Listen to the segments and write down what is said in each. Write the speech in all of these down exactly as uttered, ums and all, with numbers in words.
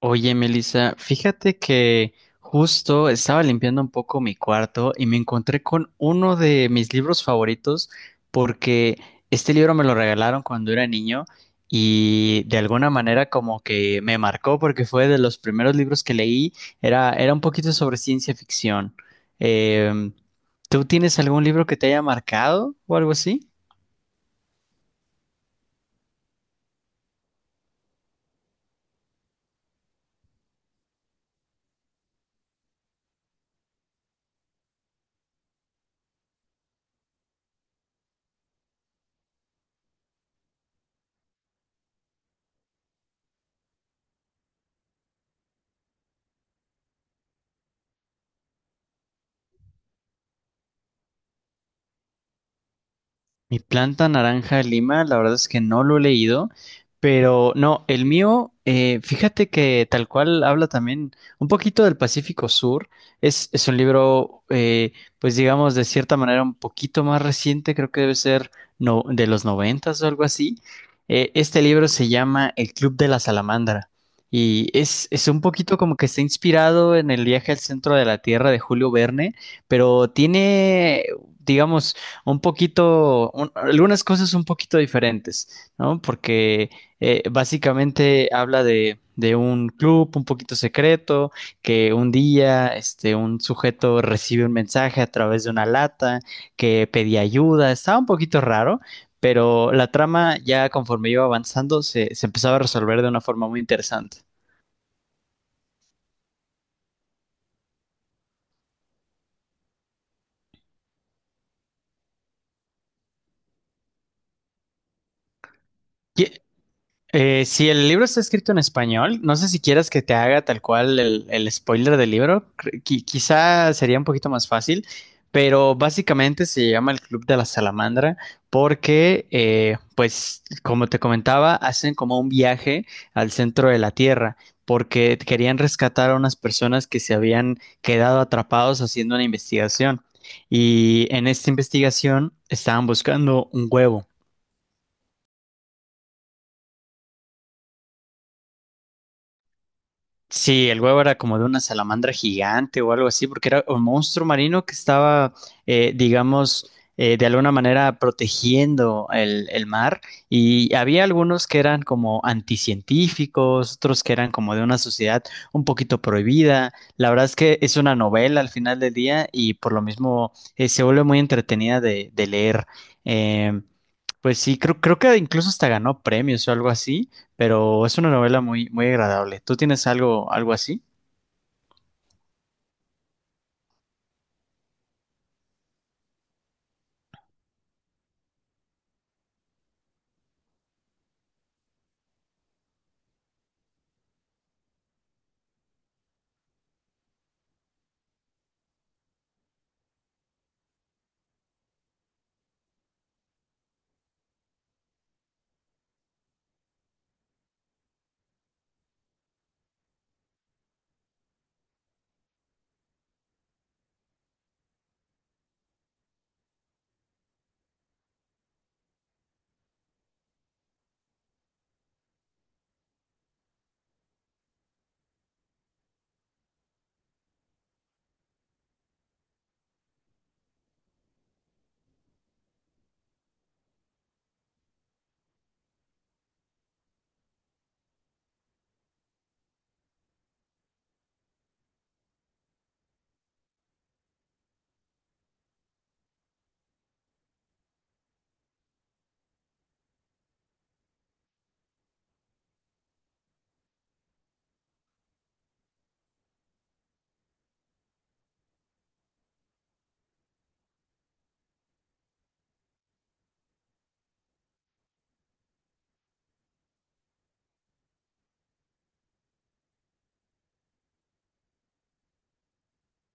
Oye, Melissa, fíjate que justo estaba limpiando un poco mi cuarto y me encontré con uno de mis libros favoritos porque este libro me lo regalaron cuando era niño y de alguna manera como que me marcó porque fue de los primeros libros que leí, era, era un poquito sobre ciencia ficción. Em, ¿Tú tienes algún libro que te haya marcado o algo así? Mi planta naranja de Lima, la verdad es que no lo he leído, pero no, el mío, eh, fíjate que tal cual habla también un poquito del Pacífico Sur. Es, es un libro, eh, pues digamos, de cierta manera un poquito más reciente, creo que debe ser no, de los noventas o algo así. Eh, este libro se llama El Club de la Salamandra y es, es un poquito como que está inspirado en el viaje al centro de la Tierra de Julio Verne, pero tiene, digamos, un poquito, un- algunas cosas un poquito diferentes, ¿no? Porque eh, básicamente habla de, de un club un poquito secreto, que un día este, un sujeto recibe un mensaje a través de una lata, que pedía ayuda, estaba un poquito raro. Pero la trama ya conforme iba avanzando se, se empezaba a resolver de una forma muy interesante. Eh, si el libro está escrito en español, no sé si quieras que te haga tal cual el, el spoiler del libro, cre- qui- quizá sería un poquito más fácil, pero básicamente se llama el Club de la Salamandra porque, eh, pues, como te comentaba, hacen como un viaje al centro de la Tierra porque querían rescatar a unas personas que se habían quedado atrapados haciendo una investigación y en esta investigación estaban buscando un huevo. Sí, el huevo era como de una salamandra gigante o algo así, porque era un monstruo marino que estaba, eh, digamos, eh, de alguna manera protegiendo el, el mar. Y había algunos que eran como anticientíficos, otros que eran como de una sociedad un poquito prohibida. La verdad es que es una novela al final del día y por lo mismo eh, se vuelve muy entretenida de, de leer. Eh, pues sí, creo, creo que incluso hasta ganó premios o algo así, pero es una novela muy, muy agradable. ¿Tú tienes algo, algo así?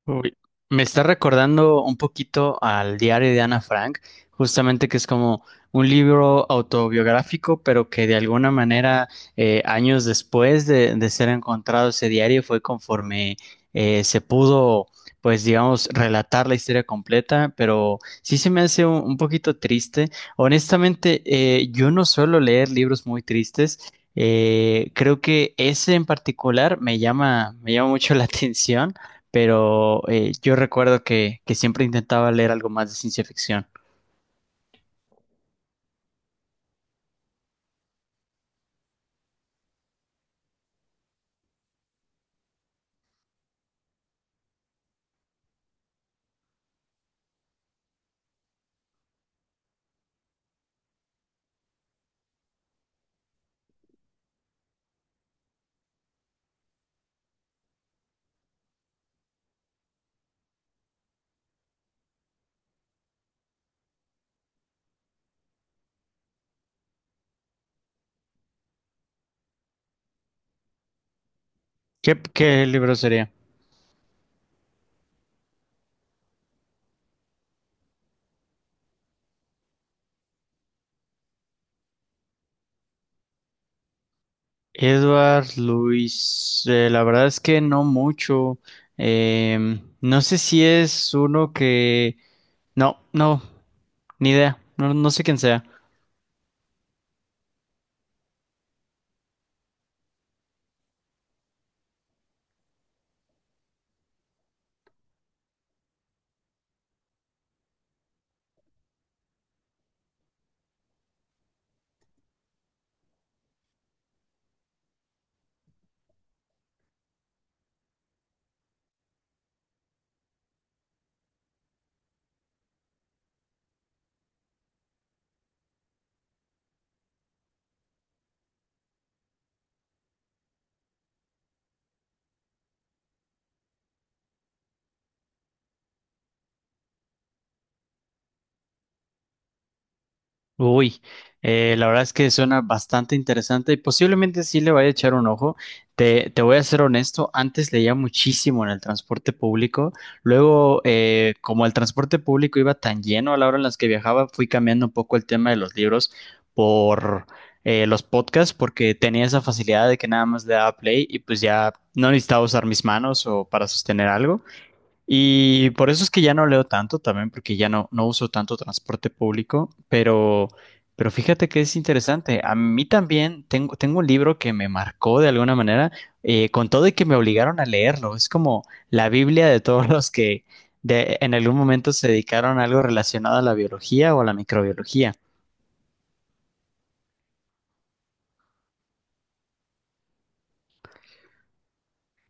Uy, me está recordando un poquito al diario de Ana Frank, justamente que es como un libro autobiográfico, pero que de alguna manera eh, años después de, de ser encontrado ese diario fue conforme eh, se pudo, pues digamos, relatar la historia completa, pero sí se me hace un, un poquito triste. Honestamente, eh, yo no suelo leer libros muy tristes. Eh, creo que ese en particular me llama, me llama mucho la atención, pero eh, yo recuerdo que, que siempre intentaba leer algo más de ciencia ficción. ¿Qué, qué libro sería? Edward Luis, eh, la verdad es que no mucho. Em, no sé si es uno que... No, no, ni idea. No, no sé quién sea. Uy, eh, la verdad es que suena bastante interesante y posiblemente sí le vaya a echar un ojo. Te, te voy a ser honesto, antes leía muchísimo en el transporte público. Luego, eh, como el transporte público iba tan lleno a la hora en las que viajaba, fui cambiando un poco el tema de los libros por eh, los podcasts porque tenía esa facilidad de que nada más le daba play y pues ya no necesitaba usar mis manos o para sostener algo. Y por eso es que ya no leo tanto también, porque ya no, no uso tanto transporte público, pero, pero fíjate que es interesante. A mí también tengo, tengo un libro que me marcó de alguna manera, eh, con todo y que me obligaron a leerlo. Es como la Biblia de todos los que de- en algún momento se dedicaron a algo relacionado a la biología o a la microbiología.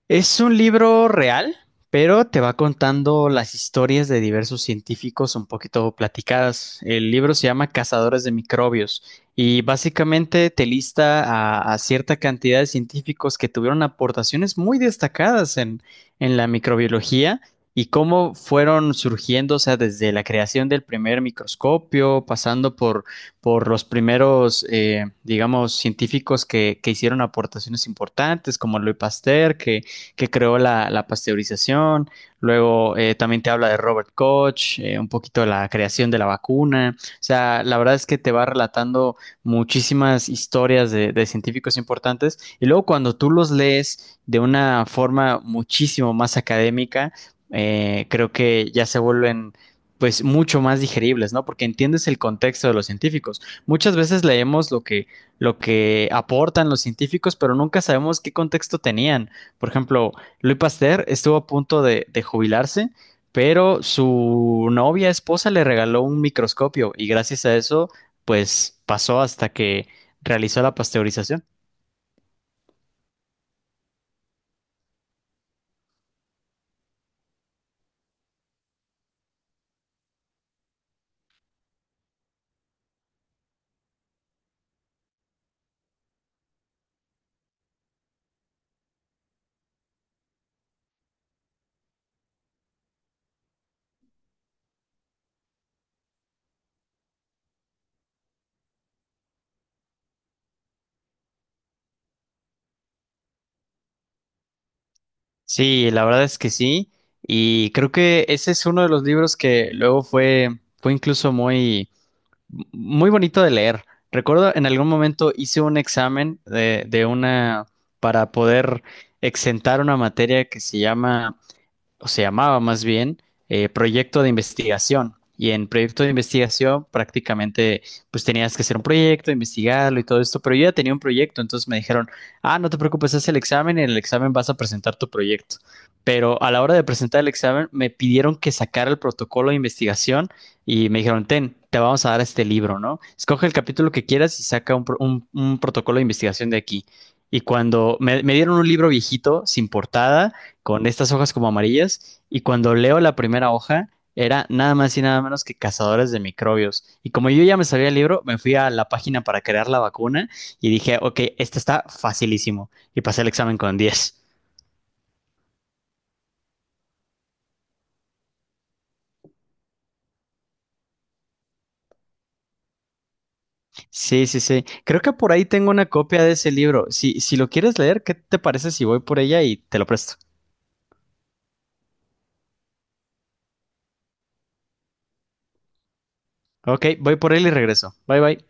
Es un libro real, pero te va contando las historias de diversos científicos un poquito platicadas. El libro se llama Cazadores de Microbios y básicamente te lista a, a cierta cantidad de científicos que tuvieron aportaciones muy destacadas en, en la microbiología y cómo fueron surgiendo, o sea, desde la creación del primer microscopio, pasando por, por los primeros, eh, digamos, científicos que, que hicieron aportaciones importantes, como Louis Pasteur, que que creó la, la pasteurización. Luego eh, también te habla de Robert Koch, eh, un poquito de la creación de la vacuna. O sea, la verdad es que te va relatando muchísimas historias de, de científicos importantes. Y luego cuando tú los lees de una forma muchísimo más académica, eh, creo que ya se vuelven pues mucho más digeribles, ¿no? Porque entiendes el contexto de los científicos. Muchas veces leemos lo que, lo que aportan los científicos, pero nunca sabemos qué contexto tenían. Por ejemplo, Louis Pasteur estuvo a punto de, de jubilarse, pero su novia, esposa, le regaló un microscopio y gracias a eso, pues pasó hasta que realizó la pasteurización. Sí, la verdad es que sí. Y creo que ese es uno de los libros que luego fue, fue incluso muy, muy bonito de leer. Recuerdo en algún momento hice un examen de, de una para poder exentar una materia que se llama o se llamaba más bien, eh, proyecto de investigación. Y en proyecto de investigación prácticamente pues tenías que hacer un proyecto, investigarlo y todo esto, pero yo ya tenía un proyecto, entonces me dijeron, ah, no te preocupes, haz el examen y en el examen vas a presentar tu proyecto. Pero a la hora de presentar el examen me pidieron que sacara el protocolo de investigación y me dijeron, ten, te vamos a dar este libro, ¿no? Escoge el capítulo que quieras y saca un, pro- un- un protocolo de investigación de aquí. Y cuando me, me dieron un libro viejito, sin portada, con estas hojas como amarillas, y cuando leo la primera hoja era nada más y nada menos que Cazadores de Microbios. Y como yo ya me sabía el libro, me fui a la página para crear la vacuna y dije, ok, este está facilísimo y pasé el examen con diez. Sí, sí, sí. Creo que por ahí tengo una copia de ese libro. Si, si lo quieres leer, ¿qué te parece si voy por ella y te lo presto? Ok, voy por él y regreso. Bye, bye.